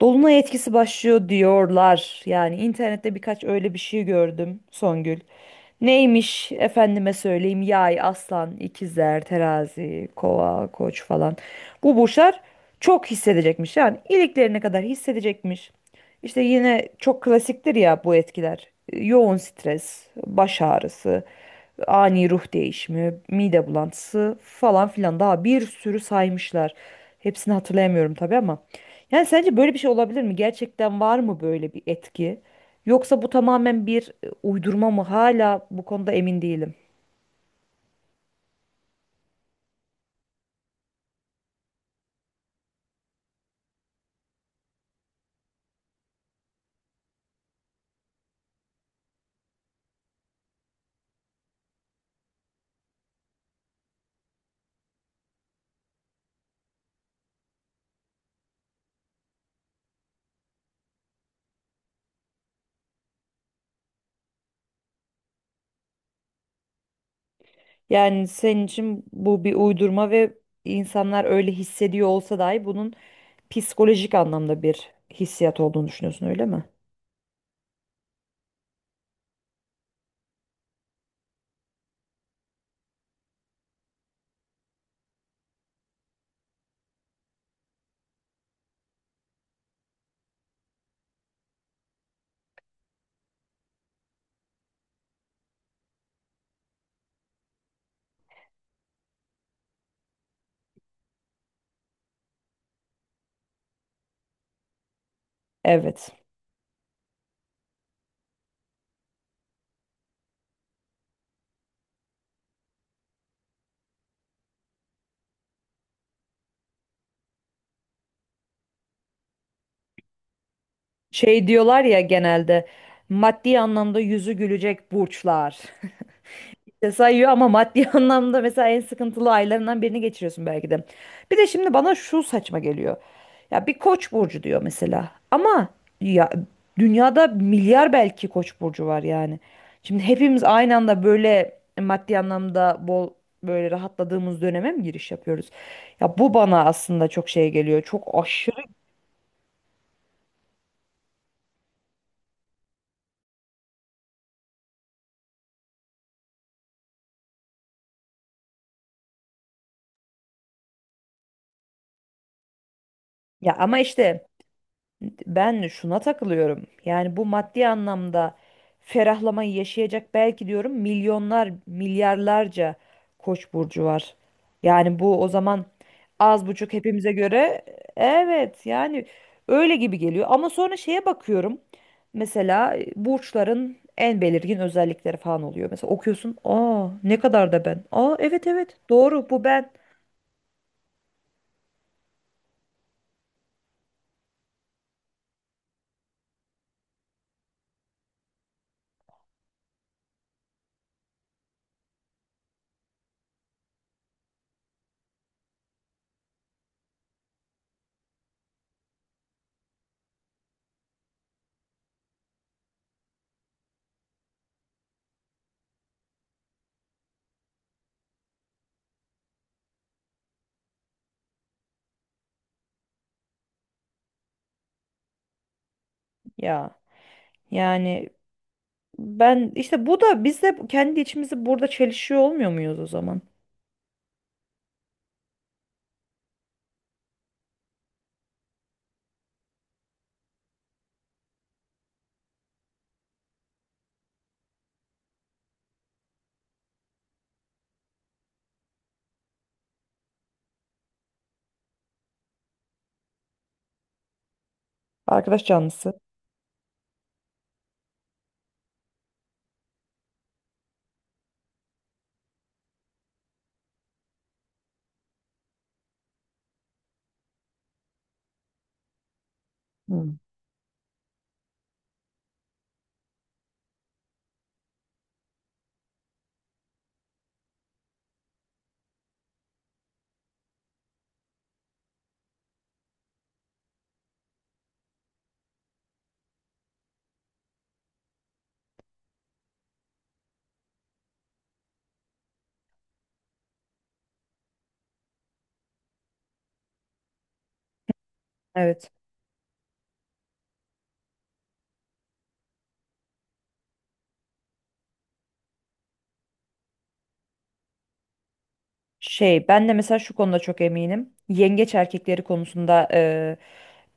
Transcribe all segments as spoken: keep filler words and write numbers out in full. Dolunay etkisi başlıyor diyorlar. Yani internette birkaç öyle bir şey gördüm Songül. Neymiş efendime söyleyeyim yay, aslan, ikizler, terazi, kova, koç falan. Bu burçlar çok hissedecekmiş yani iliklerine kadar hissedecekmiş. İşte yine çok klasiktir ya bu etkiler. Yoğun stres, baş ağrısı, ani ruh değişimi, mide bulantısı falan filan daha bir sürü saymışlar. Hepsini hatırlayamıyorum tabii ama. Yani sence böyle bir şey olabilir mi? Gerçekten var mı böyle bir etki? Yoksa bu tamamen bir e, uydurma mı? Hala bu konuda emin değilim. Yani senin için bu bir uydurma ve insanlar öyle hissediyor olsa dahi bunun psikolojik anlamda bir hissiyat olduğunu düşünüyorsun öyle mi? Evet. Şey diyorlar ya genelde maddi anlamda yüzü gülecek burçlar. İşte sayıyor ama maddi anlamda mesela en sıkıntılı aylarından birini geçiriyorsun belki de. Bir de şimdi bana şu saçma geliyor. Ya bir koç burcu diyor mesela. Ama ya dünyada milyar belki koç burcu var yani. Şimdi hepimiz aynı anda böyle maddi anlamda bol böyle rahatladığımız döneme mi giriş yapıyoruz? Ya bu bana aslında çok şey geliyor. Çok aşırı. Ya ama işte ben şuna takılıyorum. Yani bu maddi anlamda ferahlamayı yaşayacak belki diyorum milyonlar, milyarlarca koç burcu var. Yani bu o zaman az buçuk hepimize göre. Evet yani öyle gibi geliyor. Ama sonra şeye bakıyorum. Mesela e, burçların en belirgin özellikleri falan oluyor. Mesela okuyorsun, "Aa ne kadar da ben." "Aa evet evet doğru bu ben." Ya yani ben işte bu da biz de kendi içimizi burada çelişiyor olmuyor muyuz o zaman? Arkadaş canlısı. Hı. Evet. Şey ben de mesela şu konuda çok eminim. Yengeç erkekleri konusunda e,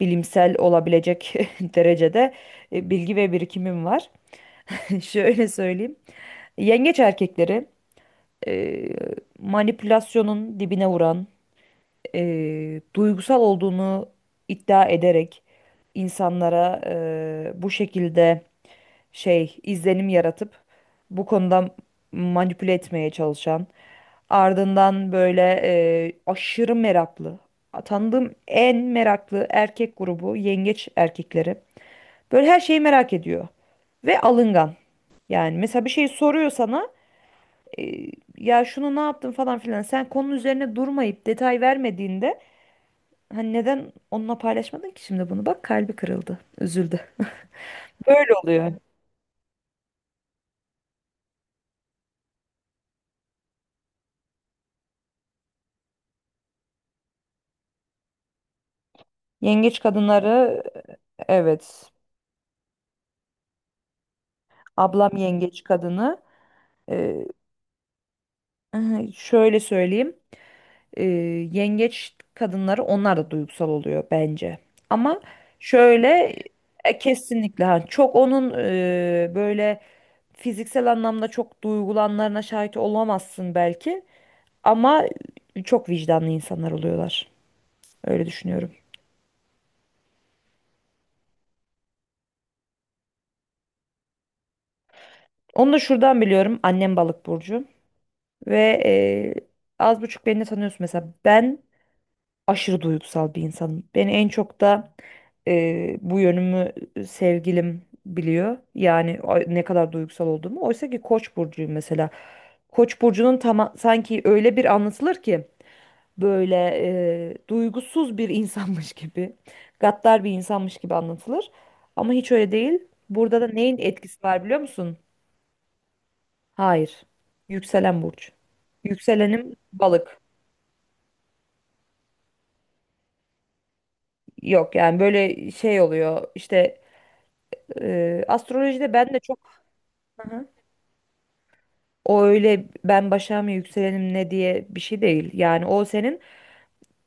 bilimsel olabilecek derecede e, bilgi ve birikimim var. Şöyle söyleyeyim. Yengeç erkekleri e, manipülasyonun dibine vuran, e, duygusal olduğunu iddia ederek insanlara e, bu şekilde şey izlenim yaratıp bu konuda manipüle etmeye çalışan, ardından böyle e, aşırı meraklı, tanıdığım en meraklı erkek grubu yengeç erkekleri, böyle her şeyi merak ediyor ve alıngan. Yani mesela bir şey soruyor sana, e, ya şunu ne yaptın falan filan, sen konunun üzerine durmayıp detay vermediğinde, hani neden onunla paylaşmadın ki şimdi, bunu bak kalbi kırıldı, üzüldü. Böyle oluyor yengeç kadınları. Evet. Ablam yengeç kadını. Ee, şöyle söyleyeyim. Ee, Yengeç kadınları onlar da duygusal oluyor bence. Ama şöyle e, kesinlikle ha, çok onun e, böyle fiziksel anlamda çok duygulanlarına şahit olamazsın belki. Ama çok vicdanlı insanlar oluyorlar. Öyle düşünüyorum. Onu da şuradan biliyorum. Annem balık burcu ve e, az buçuk beni de tanıyorsun mesela. Ben aşırı duygusal bir insanım. Beni en çok da e, bu yönümü sevgilim biliyor. Yani a- ne kadar duygusal olduğumu. Oysa ki Koç burcuyum mesela. Koç burcunun tam sanki öyle bir anlatılır ki böyle e, duygusuz bir insanmış gibi, gaddar bir insanmış gibi anlatılır. Ama hiç öyle değil. Burada da neyin etkisi var biliyor musun? Hayır. Yükselen burç. Yükselenim balık. Yok yani böyle şey oluyor işte. Ee, astrolojide ben de çok. Hı hı. O öyle ben başa mı yükselenim ne diye bir şey değil. Yani o senin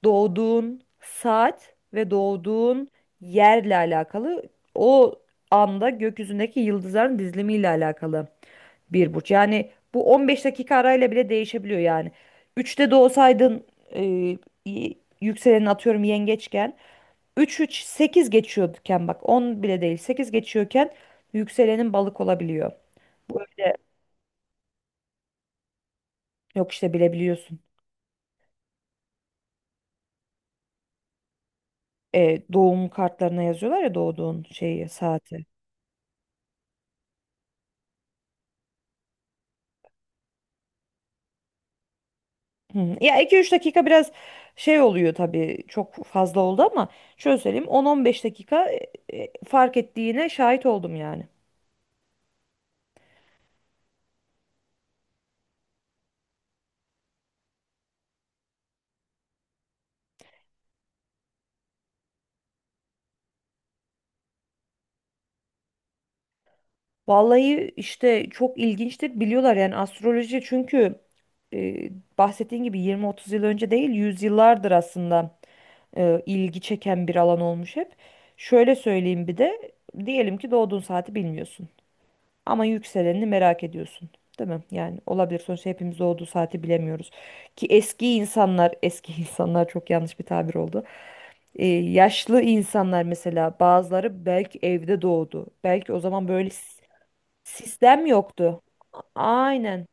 doğduğun saat ve doğduğun yerle alakalı, o anda gökyüzündeki yıldızların dizilimiyle alakalı bir burç. Yani bu on beş dakika arayla bile değişebiliyor yani. Üçte doğsaydın, e, y- yükselenin atıyorum yengeçken, üç üç sekiz geçiyorken, bak on bile değil sekiz geçiyorken, yükselenin balık olabiliyor. Böyle. Yok işte bilebiliyorsun. E, doğum kartlarına yazıyorlar ya doğduğun şeyi, saati. Hı. Ya iki üç dakika biraz şey oluyor tabii, çok fazla oldu ama şöyle söyleyeyim, on on beş dakika e, e, fark ettiğine şahit oldum yani. Vallahi işte çok ilginçtir, biliyorlar yani astroloji çünkü e, bahsettiğin gibi yirmi otuz yıl önce değil, yüzyıllardır aslında e, ilgi çeken bir alan olmuş hep. Şöyle söyleyeyim bir de, diyelim ki doğduğun saati bilmiyorsun. Ama yükselenini merak ediyorsun. Değil mi? Yani olabilir. Sonuçta hepimiz doğduğu saati bilemiyoruz. Ki eski insanlar, eski insanlar çok yanlış bir tabir oldu. Ee, yaşlı insanlar mesela bazıları belki evde doğdu. Belki o zaman böyle s- sistem yoktu. Aynen.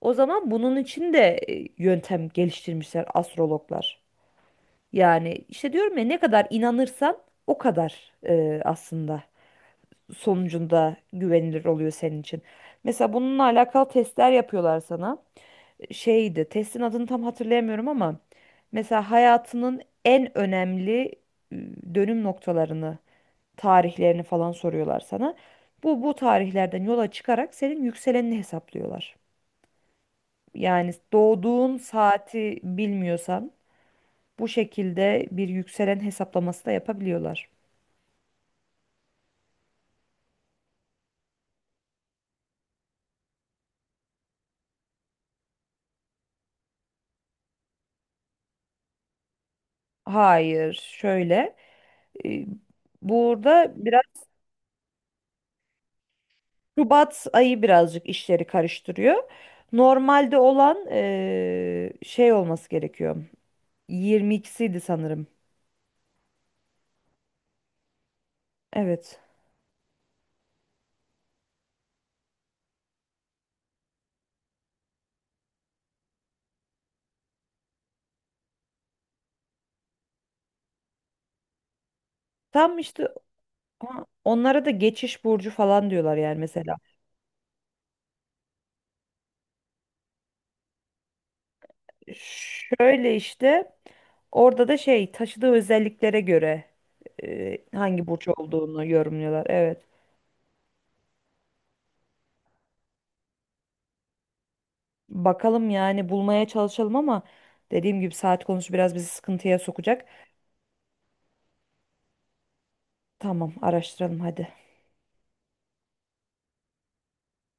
O zaman bunun için de e, yöntem geliştirmişler astrologlar. Yani işte diyorum ya, ne kadar inanırsan o kadar e, aslında sonucunda güvenilir oluyor senin için. Mesela bununla alakalı testler yapıyorlar sana. Şeydi, testin adını tam hatırlayamıyorum ama mesela hayatının en önemli e, dönüm noktalarını, tarihlerini falan soruyorlar sana. Bu bu tarihlerden yola çıkarak senin yükselenini hesaplıyorlar. Yani doğduğun saati bilmiyorsan bu şekilde bir yükselen hesaplaması da yapabiliyorlar. Hayır, şöyle. e, Burada biraz Şubat ayı birazcık işleri karıştırıyor. Normalde olan eee, şey olması gerekiyor. yirmi ikisiydi sanırım. Evet. Tam işte ha, onlara da geçiş burcu falan diyorlar yani mesela. Şöyle işte orada da şey taşıdığı özelliklere göre eee, hangi burç olduğunu yorumluyorlar. Evet. Bakalım yani bulmaya çalışalım ama dediğim gibi saat konusu biraz bizi sıkıntıya sokacak. Tamam araştıralım hadi.